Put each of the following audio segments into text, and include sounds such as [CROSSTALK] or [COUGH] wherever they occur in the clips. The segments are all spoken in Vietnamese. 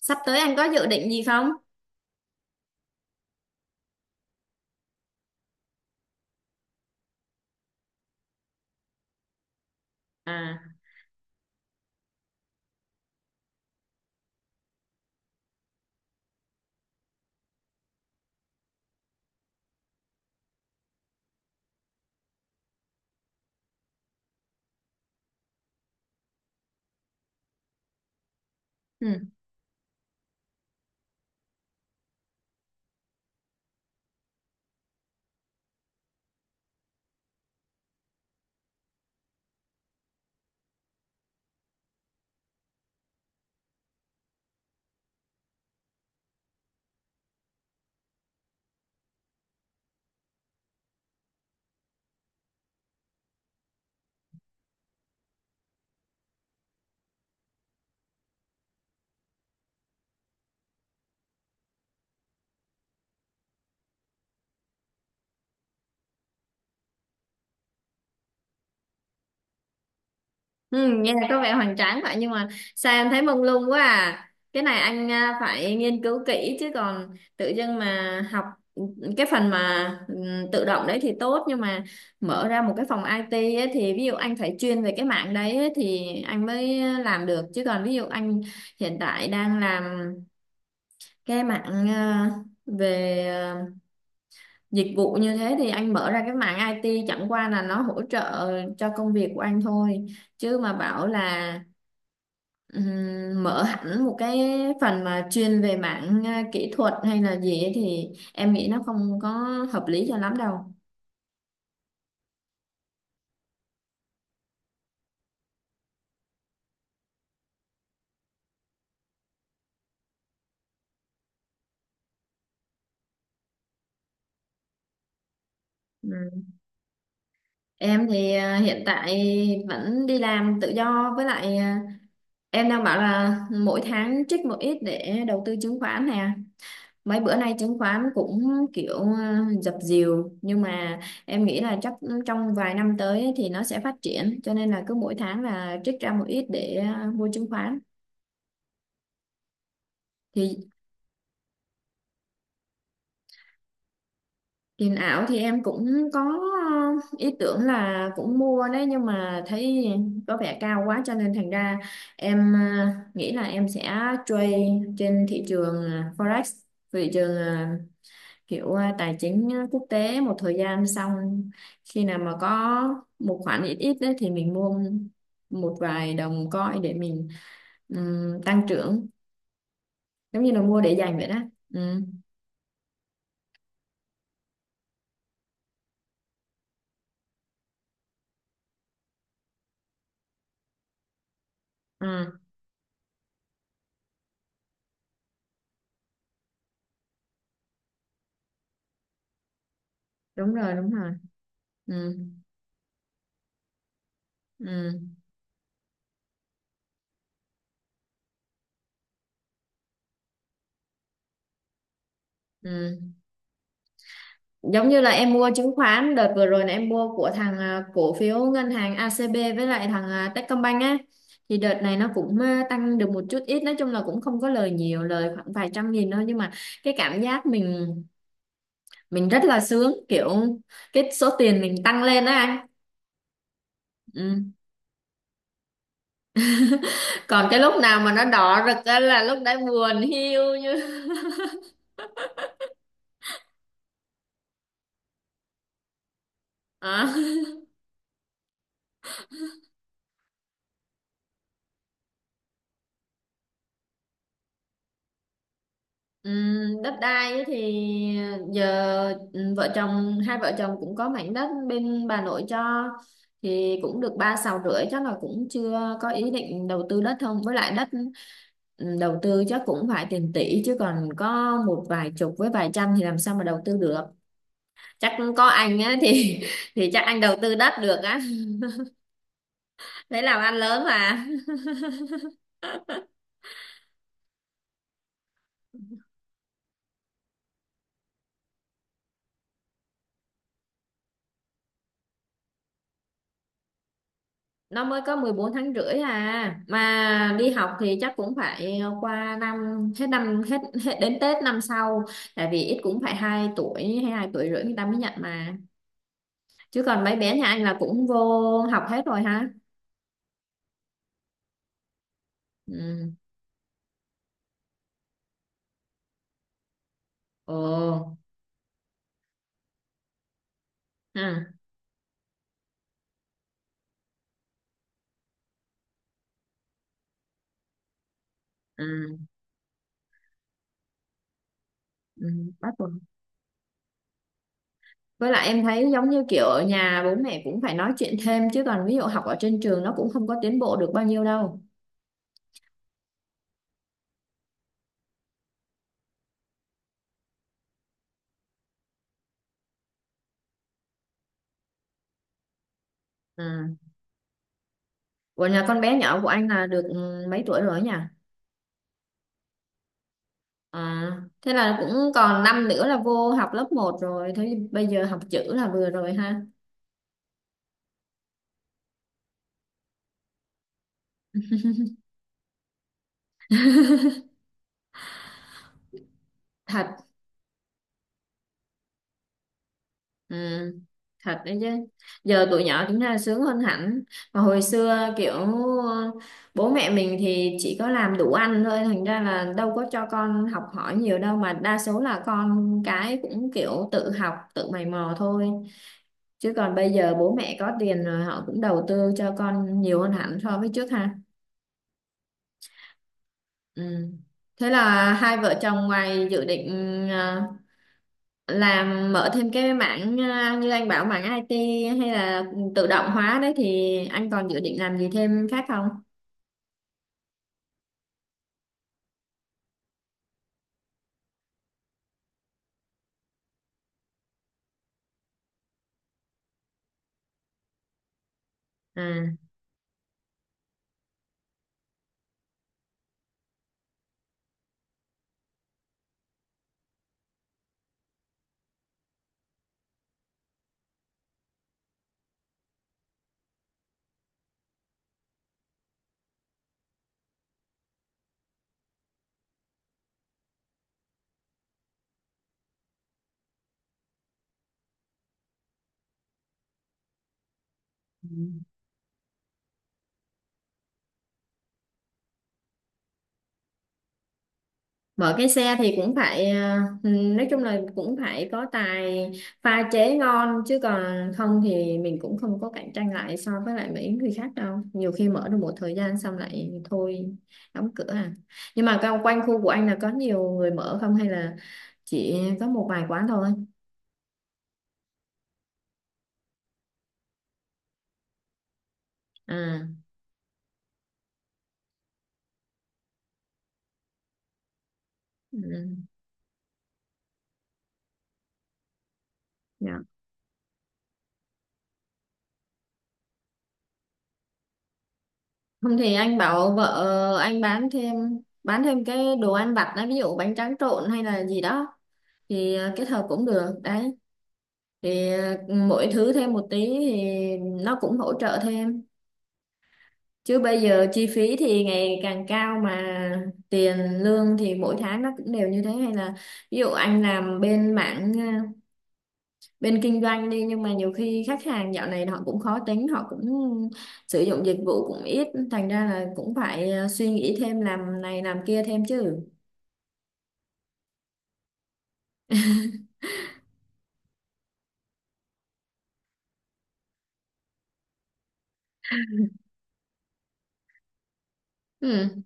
Sắp tới anh có dự định gì không? À. Ừ. Ừ, nghe có vẻ hoành tráng vậy nhưng mà sao em thấy mông lung quá. À, cái này anh phải nghiên cứu kỹ, chứ còn tự dưng mà học cái phần mà tự động đấy thì tốt, nhưng mà mở ra một cái phòng IT ấy, thì ví dụ anh phải chuyên về cái mạng đấy ấy, thì anh mới làm được. Chứ còn ví dụ anh hiện tại đang làm cái mạng về dịch vụ như thế thì anh mở ra cái mảng IT chẳng qua là nó hỗ trợ cho công việc của anh thôi. Chứ mà bảo là mở hẳn một cái phần mà chuyên về mảng kỹ thuật hay là gì ấy thì em nghĩ nó không có hợp lý cho lắm đâu. Ừ. Em thì hiện tại vẫn đi làm tự do, với lại em đang bảo là mỗi tháng trích một ít để đầu tư chứng khoán nè. Mấy bữa nay chứng khoán cũng kiểu dập dìu, nhưng mà em nghĩ là chắc trong vài năm tới ấy thì nó sẽ phát triển, cho nên là cứ mỗi tháng là trích ra một ít để mua chứng khoán. Thì tiền ảo thì em cũng có ý tưởng là cũng mua đấy, nhưng mà thấy có vẻ cao quá, cho nên thành ra em nghĩ là em sẽ trade trên thị trường Forex, thị trường kiểu tài chính quốc tế một thời gian, xong khi nào mà có một khoản ít ít đấy thì mình mua một vài đồng coin để mình tăng trưởng, giống như là mua để dành vậy đó. Ừ. À, đúng rồi, đúng rồi. Ừ. Ừ. Ừ. Giống như là em mua chứng khoán đợt vừa rồi là em mua của thằng cổ phiếu ngân hàng ACB với lại thằng Techcombank á, thì đợt này nó cũng tăng được một chút ít, nói chung là cũng không có lời nhiều, lời khoảng vài trăm nghìn thôi, nhưng mà cái cảm giác mình rất là sướng, kiểu cái số tiền mình tăng lên á anh. Ừ. Còn cái lúc nào mà nó đỏ rực á là lúc đấy buồn hiu như... Ờ. Ừ. Đất đai ấy thì giờ vợ chồng, hai vợ chồng cũng có mảnh đất bên bà nội cho, thì cũng được 3 sào rưỡi, chắc là cũng chưa có ý định đầu tư đất không, với lại đất đầu tư chắc cũng phải tiền tỷ, chứ còn có một vài chục với vài trăm thì làm sao mà đầu tư được. Chắc có anh á thì chắc anh đầu tư đất được á. Thế làm ăn lớn mà. Nó mới có 14 tháng rưỡi à, mà đi học thì chắc cũng phải qua năm, hết năm, hết hết đến Tết năm sau. Tại vì ít cũng phải 2 tuổi hay 2 tuổi rưỡi người ta mới nhận mà. Chứ còn mấy bé nhà anh là cũng vô học hết rồi ha. Ừ. Ồ. À. À. Ừ. Bắt buộc. Với lại em thấy giống như kiểu ở nhà bố mẹ cũng phải nói chuyện thêm, chứ còn ví dụ học ở trên trường nó cũng không có tiến bộ được bao nhiêu đâu. Ừ. Ủa, nhà con bé nhỏ của anh là được mấy tuổi rồi ấy nhỉ? À, thế là cũng còn năm nữa là vô học lớp một rồi. Thế bây giờ học chữ là vừa rồi ha. [LAUGHS] Thật, ừ, thật đấy chứ. Giờ tụi nhỏ chúng ta sướng hơn hẳn. Mà hồi xưa kiểu ờ, bố mẹ mình thì chỉ có làm đủ ăn thôi. Thành ra là đâu có cho con học hỏi nhiều đâu. Mà đa số là con cái cũng kiểu tự học, tự mày mò thôi. Chứ còn bây giờ bố mẹ có tiền rồi họ cũng đầu tư cho con nhiều hơn hẳn so với trước ha. Ừ. Thế là hai vợ chồng ngoài dự định ờ, làm mở thêm cái mảng như anh bảo mảng IT hay là tự động hóa đấy thì anh còn dự định làm gì thêm khác không? À. Mở cái xe thì cũng phải nói chung là cũng phải có tài pha chế ngon, chứ còn không thì mình cũng không có cạnh tranh lại so với lại mấy người khác đâu, nhiều khi mở được một thời gian xong lại thôi, đóng cửa à. Nhưng mà quanh quanh khu của anh là có nhiều người mở không, hay là chỉ có một vài quán thôi? À. Ừ. Dạ. Không thì anh bảo vợ anh bán thêm, cái đồ ăn vặt đó, ví dụ bánh tráng trộn hay là gì đó, thì kết hợp cũng được đấy. Thì mỗi thứ thêm một tí thì nó cũng hỗ trợ thêm. Chứ bây giờ chi phí thì ngày càng cao, mà tiền lương thì mỗi tháng nó cũng đều như thế, hay là ví dụ anh làm bên mảng bên kinh doanh đi, nhưng mà nhiều khi khách hàng dạo này họ cũng khó tính, họ cũng sử dụng dịch vụ cũng ít, thành ra là cũng phải suy nghĩ thêm làm này làm kia thêm chứ. Ừ.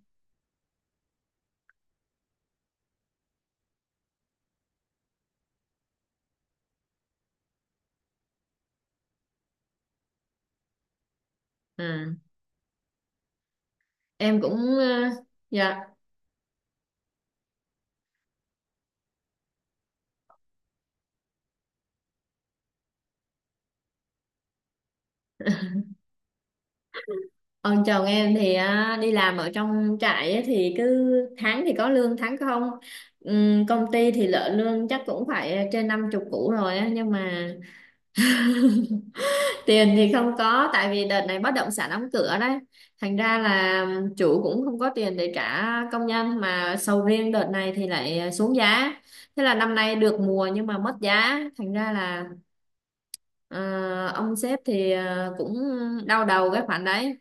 Ừ. Em cũng dạ. Ông chồng em thì á, đi làm ở trong trại ấy, thì cứ tháng thì có lương tháng không. Công ty thì lợi lương chắc cũng phải trên năm chục củ rồi á, nhưng mà [LAUGHS] tiền thì không có. Tại vì đợt này bất động sản đóng cửa đấy, thành ra là chủ cũng không có tiền để trả công nhân, mà sầu riêng đợt này thì lại xuống giá. Thế là năm nay được mùa nhưng mà mất giá, thành ra là ờ, ông sếp thì cũng đau đầu cái khoản đấy.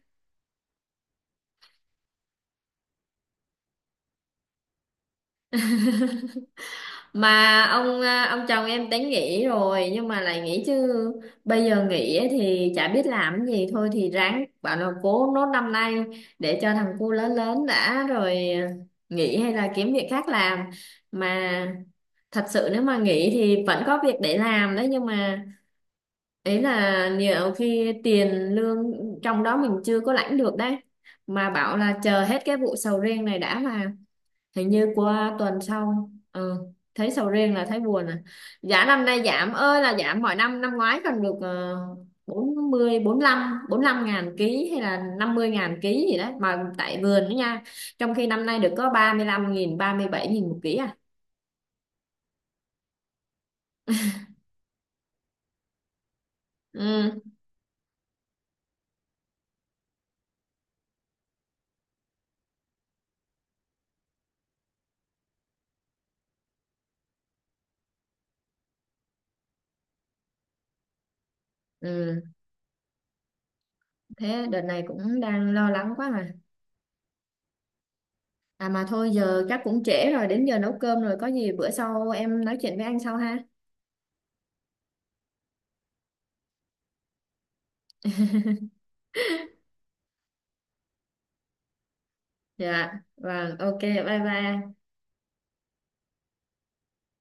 Mà ông ông chồng em tính nghỉ rồi nhưng mà lại nghỉ chứ, bây giờ nghỉ ấy thì chả biết làm cái gì. Thôi thì ráng bảo là cố nốt năm nay để cho thằng cu lớn lớn đã rồi nghỉ hay là kiếm việc khác làm. Mà thật sự nếu mà nghỉ thì vẫn có việc để làm đấy, nhưng mà ấy là nhiều khi tiền lương trong đó mình chưa có lãnh được đấy, mà bảo là chờ hết cái vụ sầu riêng này đã, mà hình như qua tuần sau. Ừ. Thấy sầu riêng là thấy buồn à. Giá năm nay giảm ơi là giảm, mọi năm, năm ngoái còn được 40 45 lăm bốn lăm ngàn ký hay là 50 ngàn ký gì đấy, mà tại vườn đó nha. Trong khi năm nay được có 35 nghìn 37 nghìn một ký à. Ừ. Ừ. Thế đợt này cũng đang lo lắng quá. Mà à mà thôi, giờ chắc cũng trễ rồi, đến giờ nấu cơm rồi, có gì bữa sau em nói chuyện với anh sau ha. Dạ vâng, ok, bye bye.